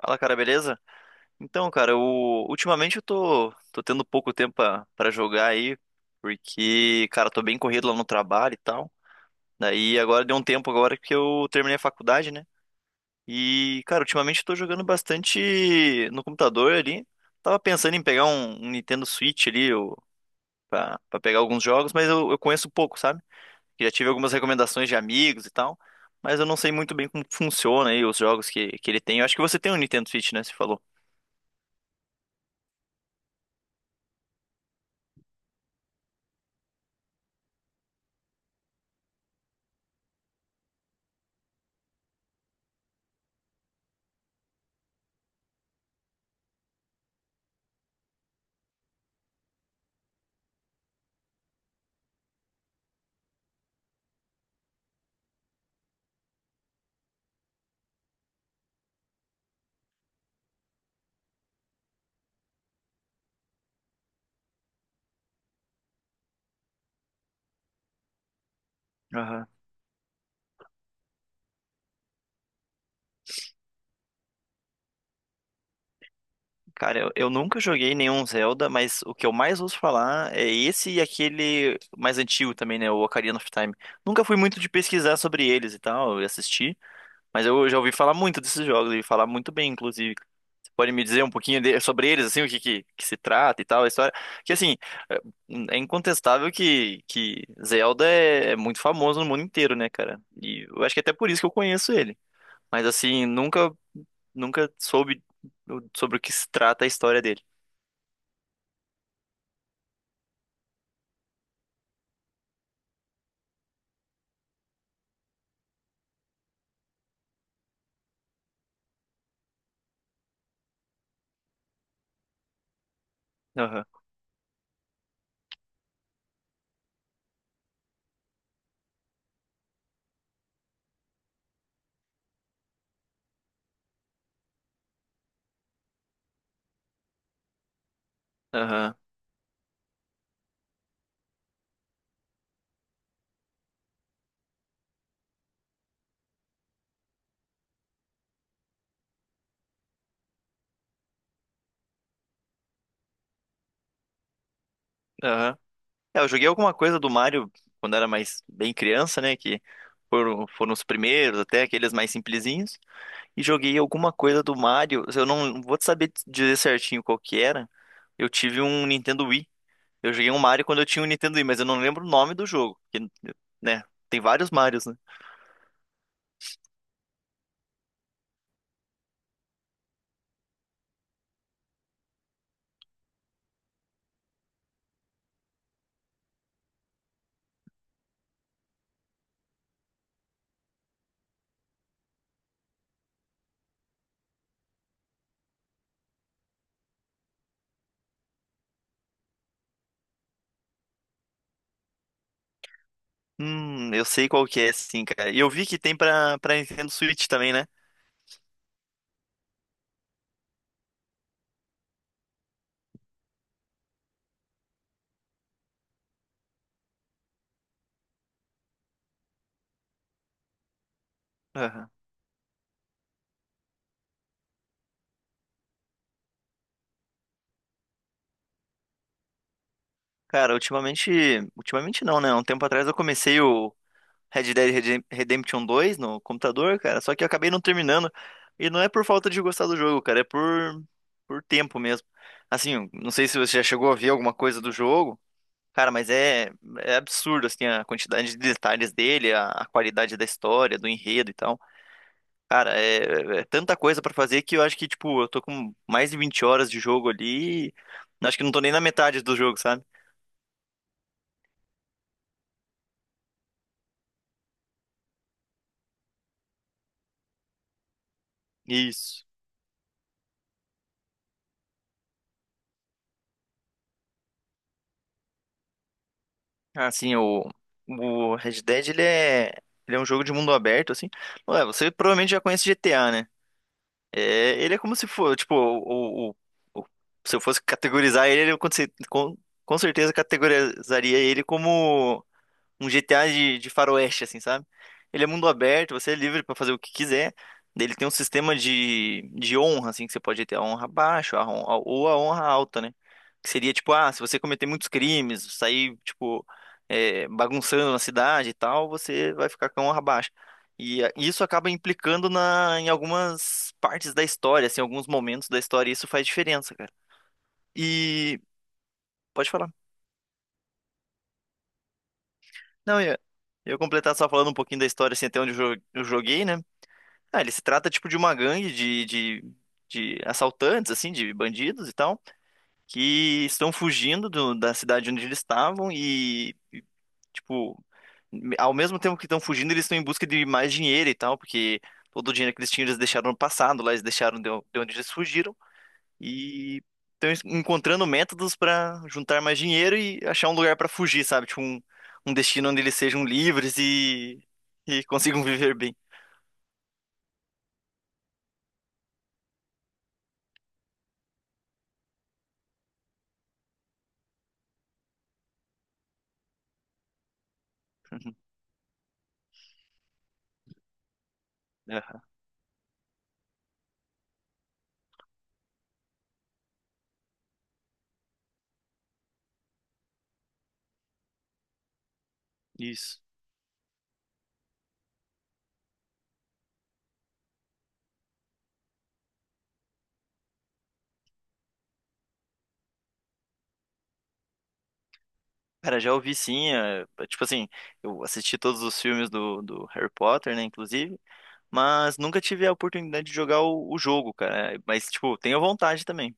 Fala, cara, beleza? Então, cara, ultimamente eu tô tendo pouco tempo pra jogar aí, porque, cara, tô bem corrido lá no trabalho e tal. Daí agora deu um tempo agora que eu terminei a faculdade, né? E, cara, ultimamente eu tô jogando bastante no computador ali. Tava pensando em pegar um Nintendo Switch ali, pra pegar alguns jogos, mas eu conheço pouco, sabe? Já tive algumas recomendações de amigos e tal, mas eu não sei muito bem como funciona aí os jogos que ele tem. Eu acho que você tem um Nintendo Switch, né? Você falou. Aham. Cara, eu nunca joguei nenhum Zelda, mas o que eu mais ouço falar é esse e aquele mais antigo também, né? O Ocarina of Time. Nunca fui muito de pesquisar sobre eles e tal, e assistir, mas eu já ouvi falar muito desses jogos e falar muito bem, inclusive. Você pode me dizer um pouquinho sobre eles, assim, o que se trata e tal, a história? Que, assim, é é incontestável que Zelda é muito famoso no mundo inteiro, né, cara? E eu acho que é até por isso que eu conheço ele. Mas assim, nunca soube sobre o que se trata a história dele. Aham, aham, aham. É, eu joguei alguma coisa do Mario quando era mais bem criança, né? Que foram os primeiros, até aqueles mais simplesinhos. E joguei alguma coisa do Mario. Eu não vou te saber te dizer certinho qual que era. Eu tive um Nintendo Wii. Eu joguei um Mario quando eu tinha um Nintendo Wii, mas eu não lembro o nome do jogo. Porque, né? Tem vários Marios, né? Eu sei qual que é, sim, cara. E eu vi que tem pra, pra Nintendo Switch também, né? Aham. Cara, ultimamente. Ultimamente não, né? Um tempo atrás eu comecei o Red Dead Redemption 2 no computador, cara, só que eu acabei não terminando. E não é por falta de gostar do jogo, cara, é por tempo mesmo. Assim, não sei se você já chegou a ver alguma coisa do jogo, cara, mas é absurdo, assim, a quantidade de detalhes dele, a qualidade da história, do enredo e tal. Cara, é tanta coisa pra fazer que eu acho que, tipo, eu tô com mais de 20 horas de jogo ali, e acho que não tô nem na metade do jogo, sabe? Isso. Ah, sim, o Red Dead, ele é um jogo de mundo aberto, assim. Ué, você provavelmente já conhece GTA, né? É, ele é como se for, tipo, o- se eu fosse categorizar ele, eu com com certeza categorizaria ele como um GTA de faroeste, assim, sabe? Ele é mundo aberto, você é livre pra fazer o que quiser. Ele tem um sistema de honra, assim, que você pode ter a honra baixa ou a honra alta, né? Que seria tipo, ah, se você cometer muitos crimes, sair, tipo, bagunçando na cidade e tal, você vai ficar com a honra baixa. E isso acaba implicando em algumas partes da história, assim, alguns momentos da história, e isso faz diferença, cara. E pode falar. Não, eu ia completar só falando um pouquinho da história, assim, até onde eu joguei, né? Ah, ele se trata tipo de uma gangue de assaltantes, assim, de bandidos e tal, que estão fugindo da cidade onde eles estavam e, tipo, ao mesmo tempo que estão fugindo, eles estão em busca de mais dinheiro e tal, porque todo o dinheiro que eles tinham eles deixaram no passado, lá eles deixaram de onde eles fugiram e estão encontrando métodos para juntar mais dinheiro e achar um lugar para fugir, sabe? Tipo, um destino onde eles sejam livres e consigam viver bem. Aham, isso. Cara, já ouvi sim. Tipo assim, eu assisti todos os filmes do Harry Potter, né, inclusive, mas nunca tive a oportunidade de jogar o jogo, cara. Mas, tipo, tenho vontade também.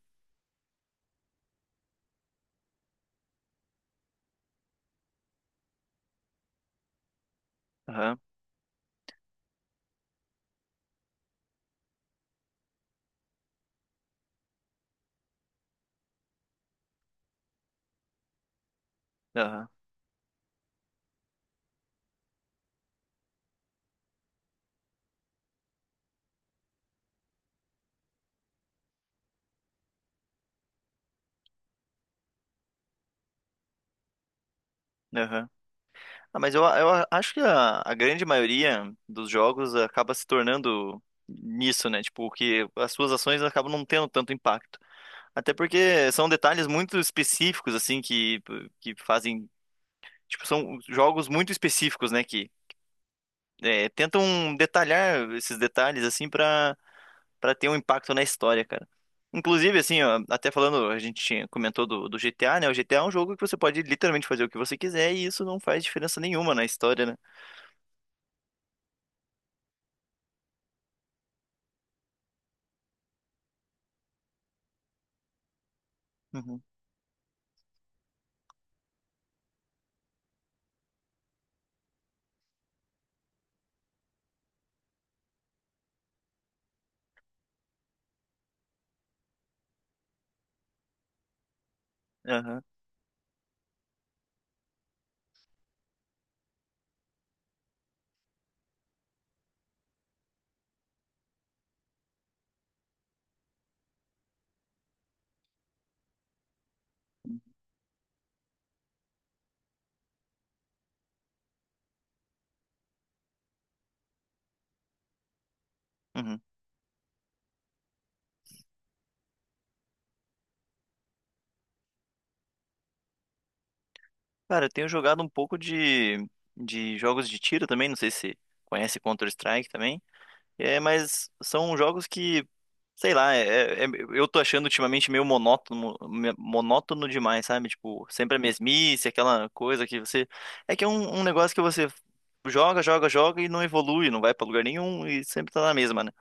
Aham, aham, aham. Ah, mas eu acho que a grande maioria dos jogos acaba se tornando nisso, né? Tipo, que as suas ações acabam não tendo tanto impacto. Até porque são detalhes muito específicos, assim, que fazem. Tipo, são jogos muito específicos, né? Que tentam detalhar esses detalhes assim para ter um impacto na história, cara. Inclusive, assim, ó, até falando, a gente comentou do GTA, né? O GTA é um jogo que você pode literalmente fazer o que você quiser e isso não faz diferença nenhuma na história, né? Uhum, aham, uhum. Cara, eu tenho jogado um pouco de jogos de tiro também, não sei se conhece Counter-Strike também. É, mas são jogos que, sei lá, eu tô achando ultimamente meio monótono, monótono demais, sabe? Tipo, sempre a mesmice, aquela coisa que você. É que é um negócio que você joga, joga, joga e não evolui, não vai pra lugar nenhum e sempre tá na mesma, né?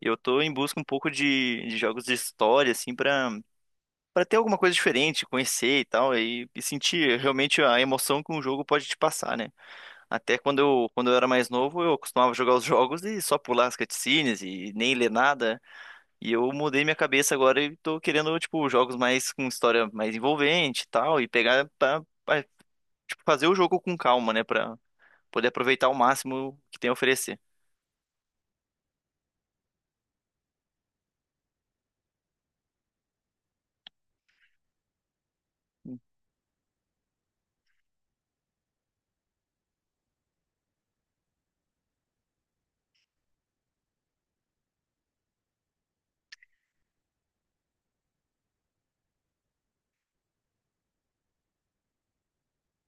E eu tô em busca um pouco de jogos de história, assim, pra, ter alguma coisa diferente, conhecer e tal, e sentir realmente a emoção que um jogo pode te passar, né? Até quando quando eu era mais novo, eu costumava jogar os jogos e só pular as cutscenes e nem ler nada. E eu mudei minha cabeça agora e tô querendo, tipo, jogos mais com história mais envolvente e tal, e pegar pra, tipo, fazer o jogo com calma, né, pra poder aproveitar ao máximo que tem a oferecer.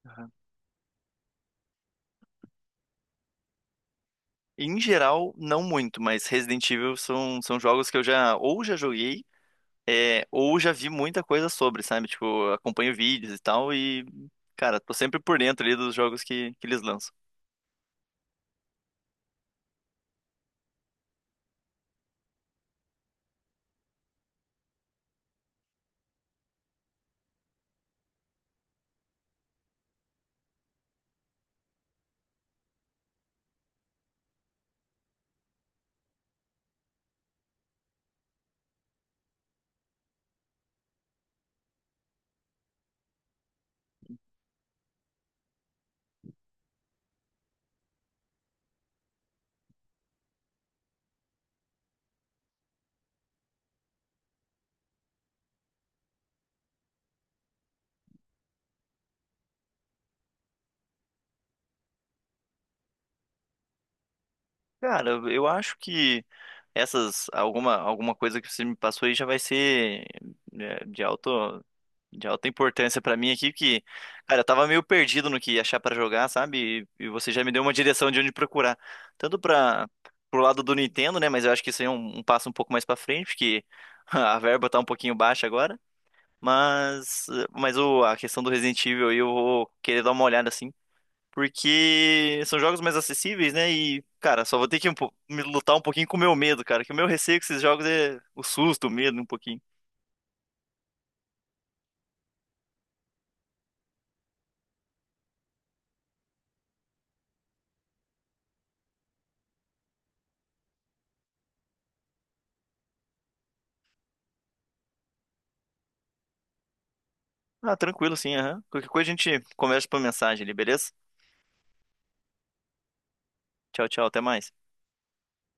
Aham. Em geral, não muito, mas Resident Evil são jogos que eu já ou já joguei, ou já vi muita coisa sobre, sabe? Tipo, acompanho vídeos e tal, e, cara, tô sempre por dentro ali dos jogos que eles lançam. Cara, eu acho que essas alguma coisa que você me passou aí já vai ser de alto de alta importância pra mim aqui que, cara, eu tava meio perdido no que achar pra jogar, sabe? E você já me deu uma direção de onde procurar, tanto para pro lado do Nintendo, né? Mas eu acho que isso aí é um passo um pouco mais pra frente, porque a verba tá um pouquinho baixa agora. Mas a questão do Resident Evil aí eu vou querer dar uma olhada assim. Porque são jogos mais acessíveis, né? E, cara, só vou ter que me lutar um pouquinho com o meu medo, cara. Que o meu receio com esses jogos é o susto, o medo, um pouquinho. Ah, tranquilo, sim, aham. Qualquer coisa a gente conversa por mensagem ali, beleza? Tchau, tchau, até mais.